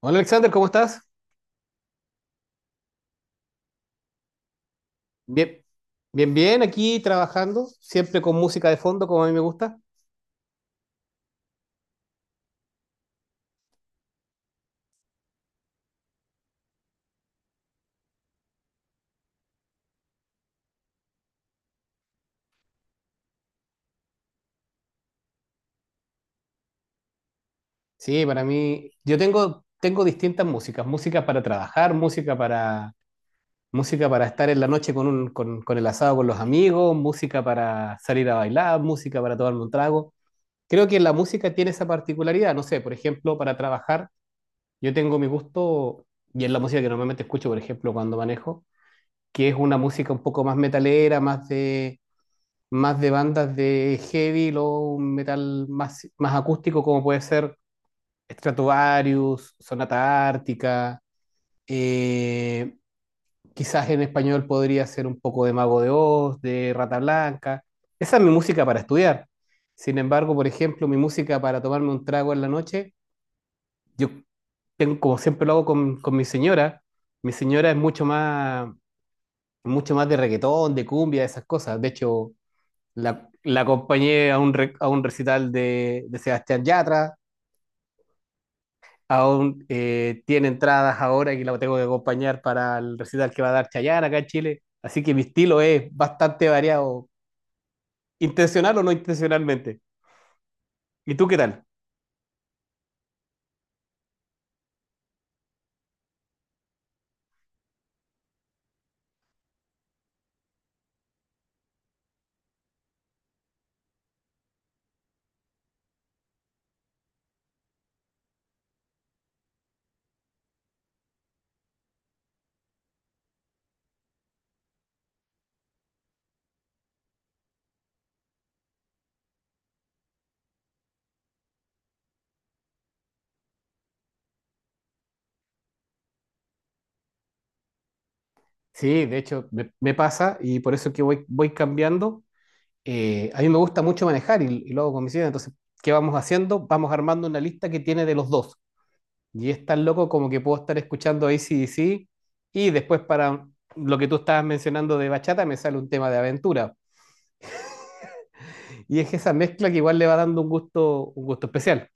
Hola Alexander, ¿cómo estás? Bien, bien, bien, aquí trabajando, siempre con música de fondo, como a mí me gusta. Sí, para mí, yo tengo distintas músicas, música para trabajar, música para estar en la noche con el asado con los amigos, música para salir a bailar, música para tomarme un trago. Creo que la música tiene esa particularidad, no sé, por ejemplo, para trabajar, yo tengo mi gusto, y es la música que normalmente escucho, por ejemplo, cuando manejo, que es una música un poco más metalera, más de bandas de heavy, luego un metal más acústico como puede ser Stratovarius, Sonata Ártica, eh, quizás en español podría ser un poco de Mago de Oz, de Rata Blanca. Esa es mi música para estudiar. Sin embargo, por ejemplo, mi música para tomarme un trago en la noche, yo tengo, como siempre lo hago con mi señora, mi señora es mucho más, mucho más de reggaetón, de cumbia, de esas cosas. De hecho, la acompañé a a un recital de Sebastián Yatra. Aún tiene entradas ahora que la tengo que acompañar para el recital que va a dar Chayanne acá en Chile. Así que mi estilo es bastante variado, intencional o no intencionalmente. ¿Y tú qué tal? Sí, de hecho me pasa y por eso es que voy cambiando. A mí me gusta mucho manejar y lo hago con mis hijas. Entonces, ¿qué vamos haciendo? Vamos armando una lista que tiene de los dos. Y es tan loco como que puedo estar escuchando AC/DC y después para lo que tú estabas mencionando de bachata me sale un tema de aventura. Y es esa mezcla que igual le va dando un gusto especial.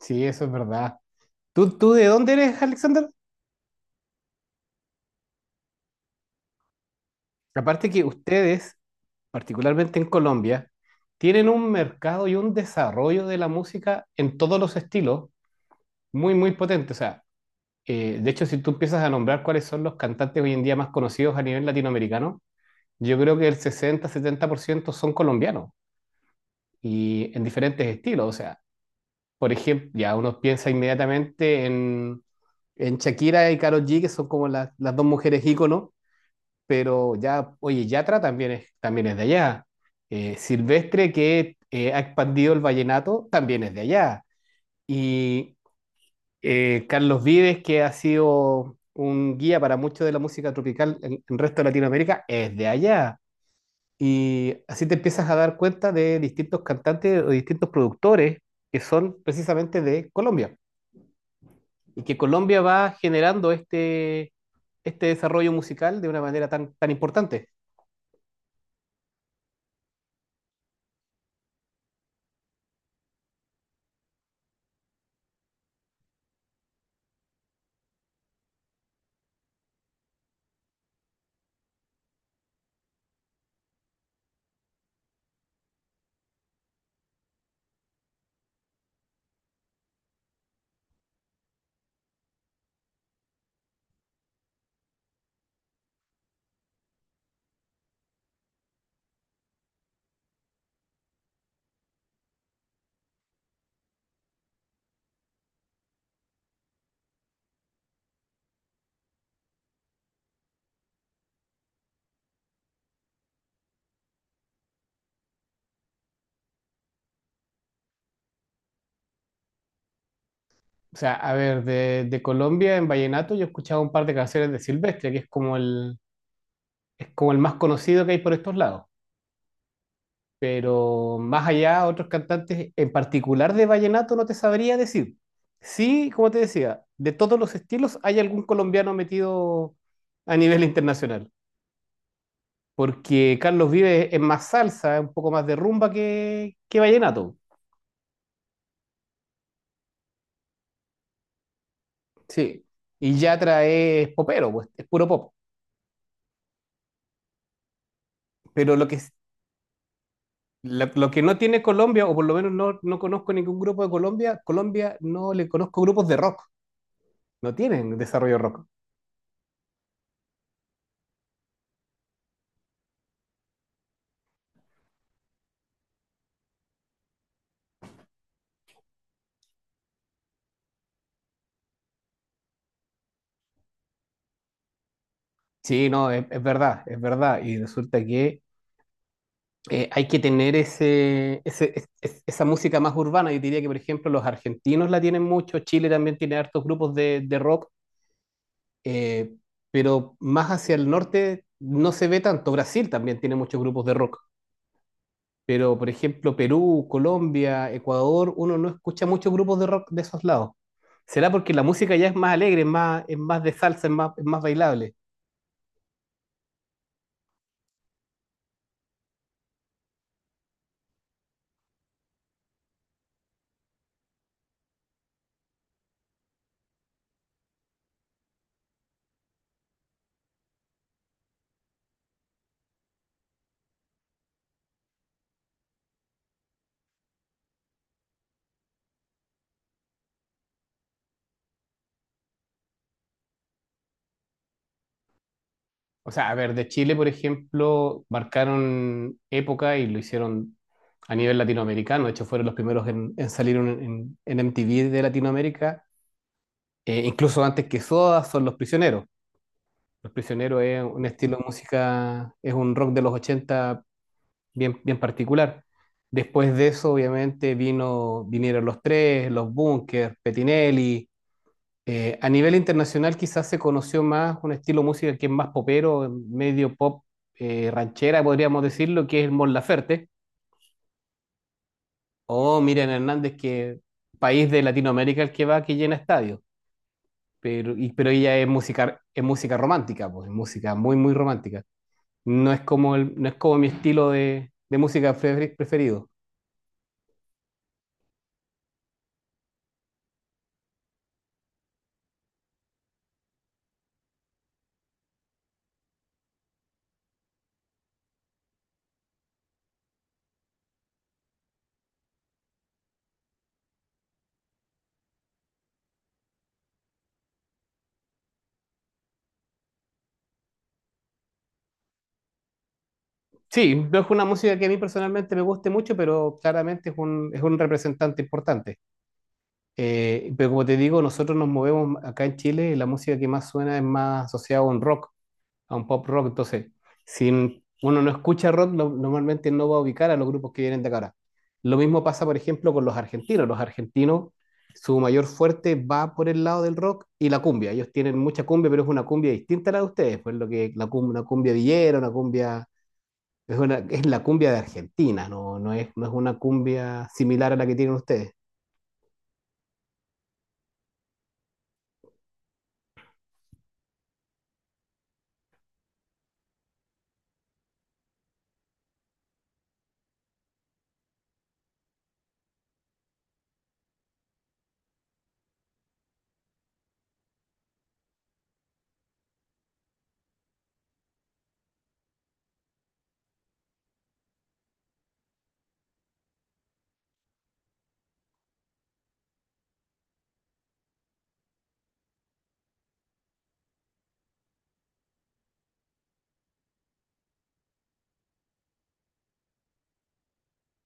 Sí, eso es verdad. ¿Tú de dónde eres, Alexander? Aparte que ustedes, particularmente en Colombia, tienen un mercado y un desarrollo de la música en todos los estilos muy, muy potente. O sea, de hecho, si tú empiezas a nombrar cuáles son los cantantes hoy en día más conocidos a nivel latinoamericano, yo creo que el sesenta, setenta por ciento son colombianos y en diferentes estilos. O sea, por ejemplo, ya uno piensa inmediatamente en Shakira y Karol G, que son como las dos mujeres íconos, pero ya, oye, Yatra también es de allá. Silvestre, que ha expandido el vallenato, también es de allá. Y Carlos Vives, que ha sido un guía para mucho de la música tropical en el resto de Latinoamérica, es de allá. Y así te empiezas a dar cuenta de distintos cantantes o distintos productores que son precisamente de Colombia y que Colombia va generando este desarrollo musical de una manera tan, tan importante. O sea, a ver, de Colombia en Vallenato yo he escuchado un par de canciones de Silvestre, que es como es como el más conocido que hay por estos lados. Pero más allá, otros cantantes, en particular de vallenato, no te sabría decir. Sí, como te decía, de todos los estilos hay algún colombiano metido a nivel internacional, porque Carlos Vives es más salsa, es un poco más de rumba que vallenato, sí. Y Yatra es popero, pues, es puro pop. Pero lo que, lo que no tiene Colombia, o por lo menos no conozco ningún grupo de Colombia, Colombia no le conozco grupos de rock, no tienen desarrollo rock. Sí, no, es verdad, es verdad. Y resulta que hay que tener esa música más urbana. Yo diría que, por ejemplo, los argentinos la tienen mucho, Chile también tiene hartos grupos de rock, eh, pero más hacia el norte no se ve tanto. Brasil también tiene muchos grupos de rock, pero, por ejemplo, Perú, Colombia, Ecuador, uno no escucha muchos grupos de rock de esos lados. ¿Será porque la música ya es más alegre, es es más de salsa, es es más bailable? O sea, a ver, de Chile, por ejemplo, marcaron época y lo hicieron a nivel latinoamericano. De hecho, fueron los primeros en salir en MTV de Latinoamérica. Incluso antes que Soda, son Los Prisioneros. Los Prisioneros es un estilo de música, es un rock de los 80 bien, bien particular. Después de eso, obviamente, vinieron los tres, los Bunkers, Petinelli, a nivel internacional quizás se conoció más un estilo musical que es más popero, medio pop ranchera, podríamos decirlo, que es el Mon Laferte, o Miriam Hernández, que país de Latinoamérica el que va, que llena estadios, pero, pero ella es música romántica, pues, es música muy, muy romántica. No es como, no es como mi estilo de música preferido. Sí, no es una música que a mí personalmente me guste mucho, pero claramente es es un representante importante. Pero como te digo, nosotros nos movemos acá en Chile, y la música que más suena es más asociada a un rock, a un pop rock. Entonces, si uno no escucha rock, normalmente no va a ubicar a los grupos que vienen de acá. Lo mismo pasa, por ejemplo, con los argentinos. Los argentinos, su mayor fuerte va por el lado del rock y la cumbia. Ellos tienen mucha cumbia, pero es una cumbia distinta a la de ustedes. Pues lo que una cumbia villera, una cumbia es la cumbia de Argentina, no es, no es una cumbia similar a la que tienen ustedes.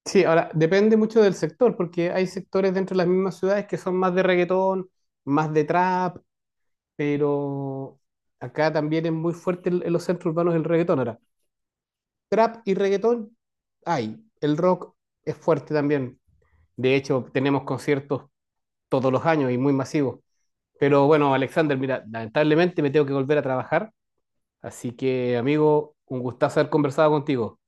Sí, ahora depende mucho del sector, porque hay sectores dentro de las mismas ciudades que son más de reggaetón, más de trap, pero acá también es muy fuerte en los centros urbanos el reggaetón. Ahora, trap y reggaetón hay, el rock es fuerte también. De hecho, tenemos conciertos todos los años y muy masivos. Pero bueno, Alexander, mira, lamentablemente me tengo que volver a trabajar, así que amigo, un gustazo haber conversado contigo.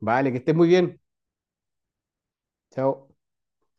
Vale, que estés muy bien. Chao.